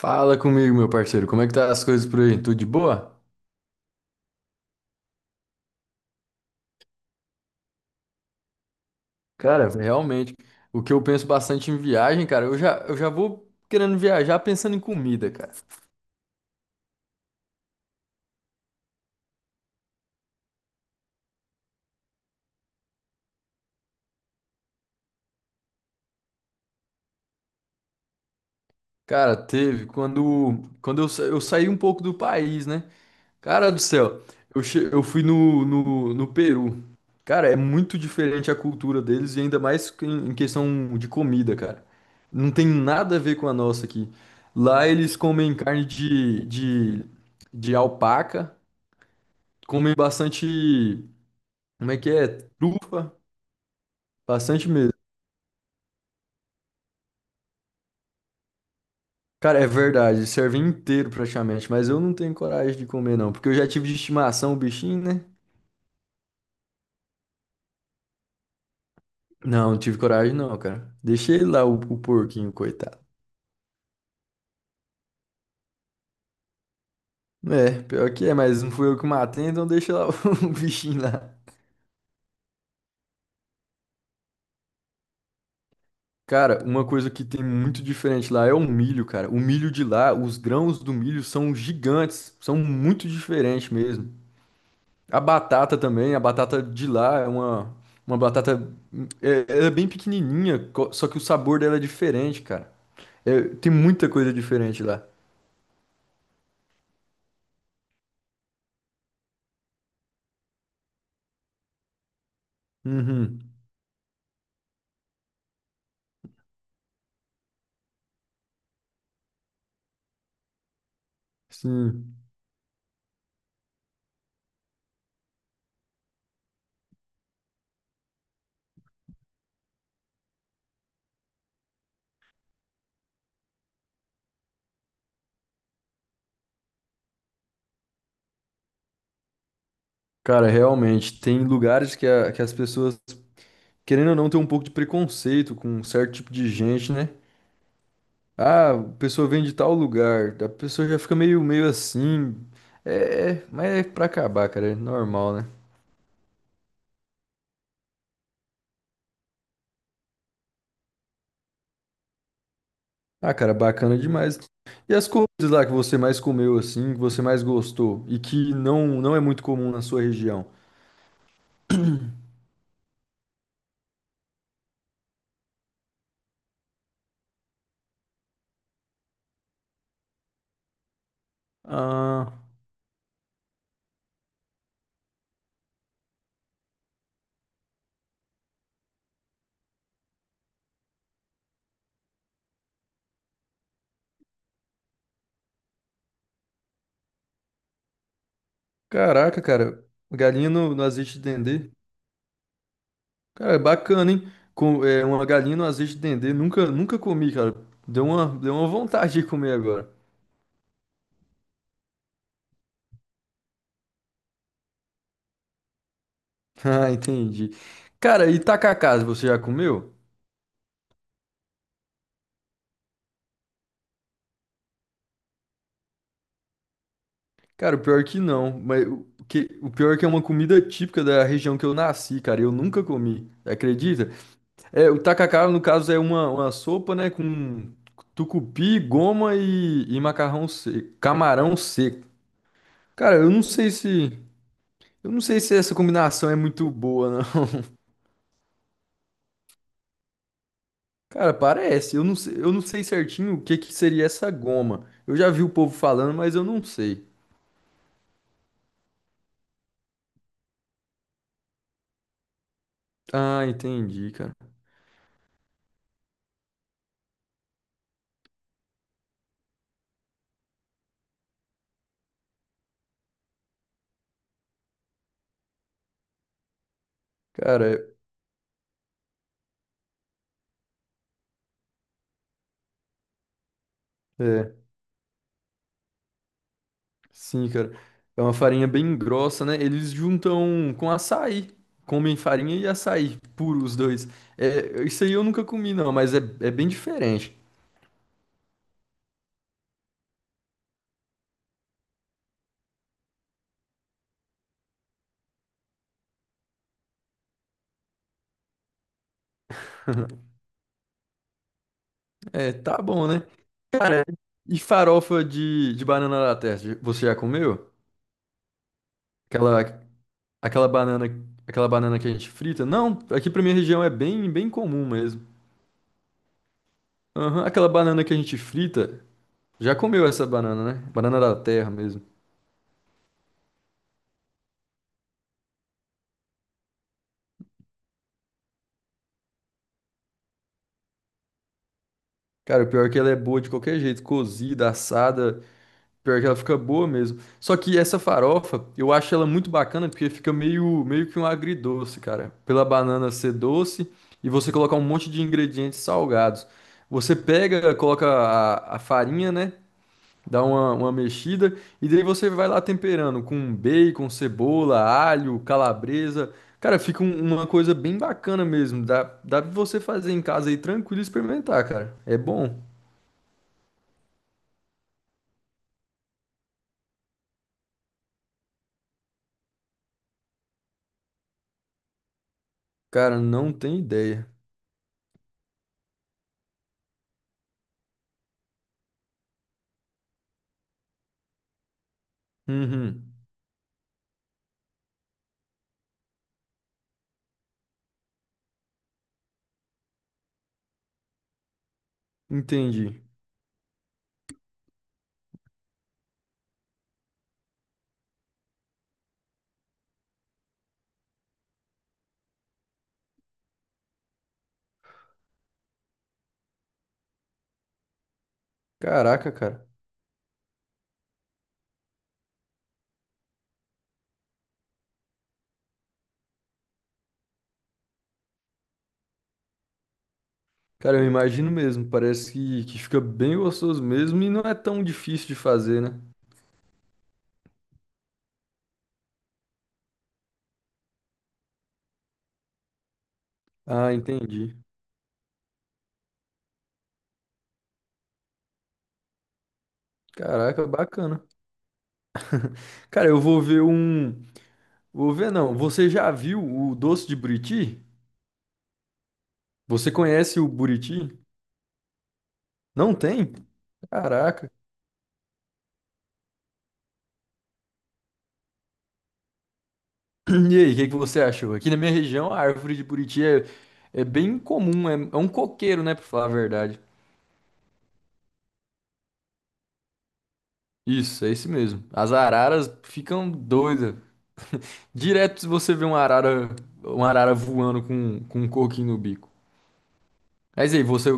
Fala comigo, meu parceiro. Como é que tá as coisas por aí? Tudo de boa? Cara, realmente, o que eu penso bastante em viagem, cara, eu já vou querendo viajar pensando em comida, cara. Cara, teve quando eu saí um pouco do país, né? Cara do céu, eu fui no Peru. Cara, é muito diferente a cultura deles e ainda mais que em questão de comida, cara. Não tem nada a ver com a nossa aqui. Lá eles comem carne de alpaca. Comem bastante. Como é que é? Trufa? Bastante mesmo. Cara, é verdade, serve inteiro praticamente, mas eu não tenho coragem de comer não, porque eu já tive de estimação o bichinho, né? Não, não tive coragem não, cara. Deixei lá o porquinho, coitado. É, pior que é, mas não fui eu que matei, então deixa lá o bichinho lá. Cara, uma coisa que tem muito diferente lá é o milho, cara. O milho de lá, os grãos do milho são gigantes, são muito diferentes mesmo. A batata também, a batata de lá é uma batata. É, ela é bem pequenininha, só que o sabor dela é diferente, cara. É, tem muita coisa diferente lá. Uhum. Sim. Cara, realmente, tem lugares que, que as pessoas, querendo ou não, tem um pouco de preconceito com um certo tipo de gente, né? Ah, a pessoa vem de tal lugar, a pessoa já fica meio assim. É, mas é pra acabar, cara, é normal, né? Ah, cara, bacana demais. E as comidas lá que você mais comeu, assim, que você mais gostou e que não é muito comum na sua região? Ah, caraca, cara, galinha no azeite de dendê. Cara, é bacana, hein? Com, é, uma galinha no azeite de dendê, nunca comi, cara. Deu uma vontade de comer agora. Ah, entendi. Cara, e tacacás, você já comeu? Cara, o pior que não, mas o pior é que é uma comida típica da região que eu nasci, cara, eu nunca comi, acredita? É, o tacacá, no caso, é uma sopa, né, com tucupi, goma e macarrão seco, camarão seco. Cara, eu não sei se essa combinação é muito boa, não. Cara, parece. Eu não sei certinho o que que seria essa goma. Eu já vi o povo falando, mas eu não sei. Ah, entendi, cara. Cara, é. É. Sim, cara. É uma farinha bem grossa, né? Eles juntam com açaí. Comem farinha e açaí, puro os dois. É, isso aí eu nunca comi, não, mas é bem diferente. É, tá bom, né? Cara, e farofa de banana da terra, você já comeu? Aquela, aquela banana, aquela banana que a gente frita? Não, aqui pra minha região é bem comum mesmo. Aham, aquela banana que a gente frita, já comeu essa banana, né? Banana da terra mesmo. Cara, o pior é que ela é boa de qualquer jeito, cozida, assada. Pior que ela fica boa mesmo. Só que essa farofa, eu acho ela muito bacana porque fica meio que um agridoce, cara. Pela banana ser doce e você colocar um monte de ingredientes salgados. Você pega, coloca a farinha, né? Dá uma mexida e daí você vai lá temperando com bacon, cebola, alho, calabresa. Cara, fica uma coisa bem bacana mesmo. Dá pra você fazer em casa aí tranquilo e experimentar, cara. É bom. Cara, não tem ideia. Uhum, entendi. Caraca, cara. Cara, eu imagino mesmo. Parece que fica bem gostoso mesmo e não é tão difícil de fazer, né? Ah, entendi. Caraca, bacana. Cara, eu vou ver um. Vou ver, não. Você já viu o doce de Buriti? Você conhece o Buriti? Não tem? Caraca. E aí, o que que você achou? Aqui na minha região, a árvore de Buriti é bem comum. É, é um coqueiro, né? Pra falar a verdade. Isso, é esse mesmo. As araras ficam doidas. Direto você vê uma arara voando com um coquinho no bico. Mas aí, você.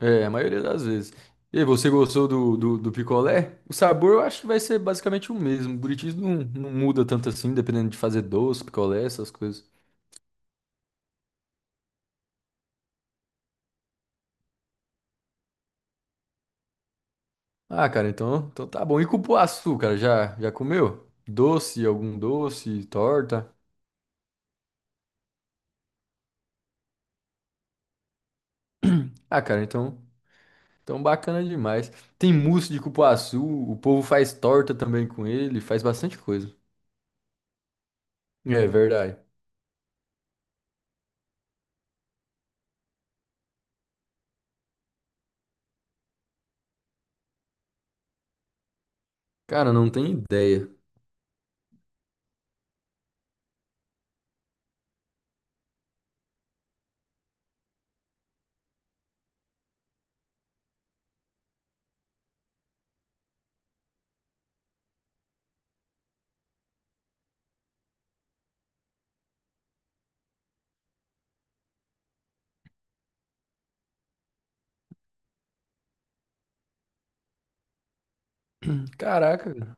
É, a maioria das vezes. E aí, você gostou do picolé? O sabor eu acho que vai ser basicamente o mesmo. O Buritis não muda tanto assim, dependendo de fazer doce, picolé, essas coisas. Ah, cara, então tá bom. E cupuaçu, cara, já comeu? Doce, algum doce, torta? Ah, cara, então bacana demais. Tem mousse de cupuaçu, o povo faz torta também com ele, faz bastante coisa. É verdade. Cara, não tem ideia. Caraca, cara.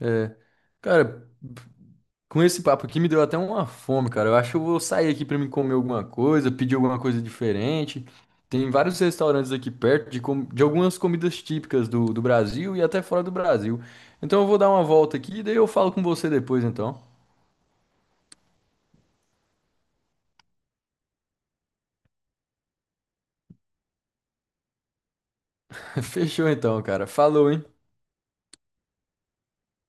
É. Cara, com esse papo aqui me deu até uma fome, cara. Eu acho que eu vou sair aqui pra me comer alguma coisa, pedir alguma coisa diferente. Tem vários restaurantes aqui perto de algumas comidas típicas do Brasil e até fora do Brasil. Então eu vou dar uma volta aqui e daí eu falo com você depois, então. Fechou então, cara. Falou, hein?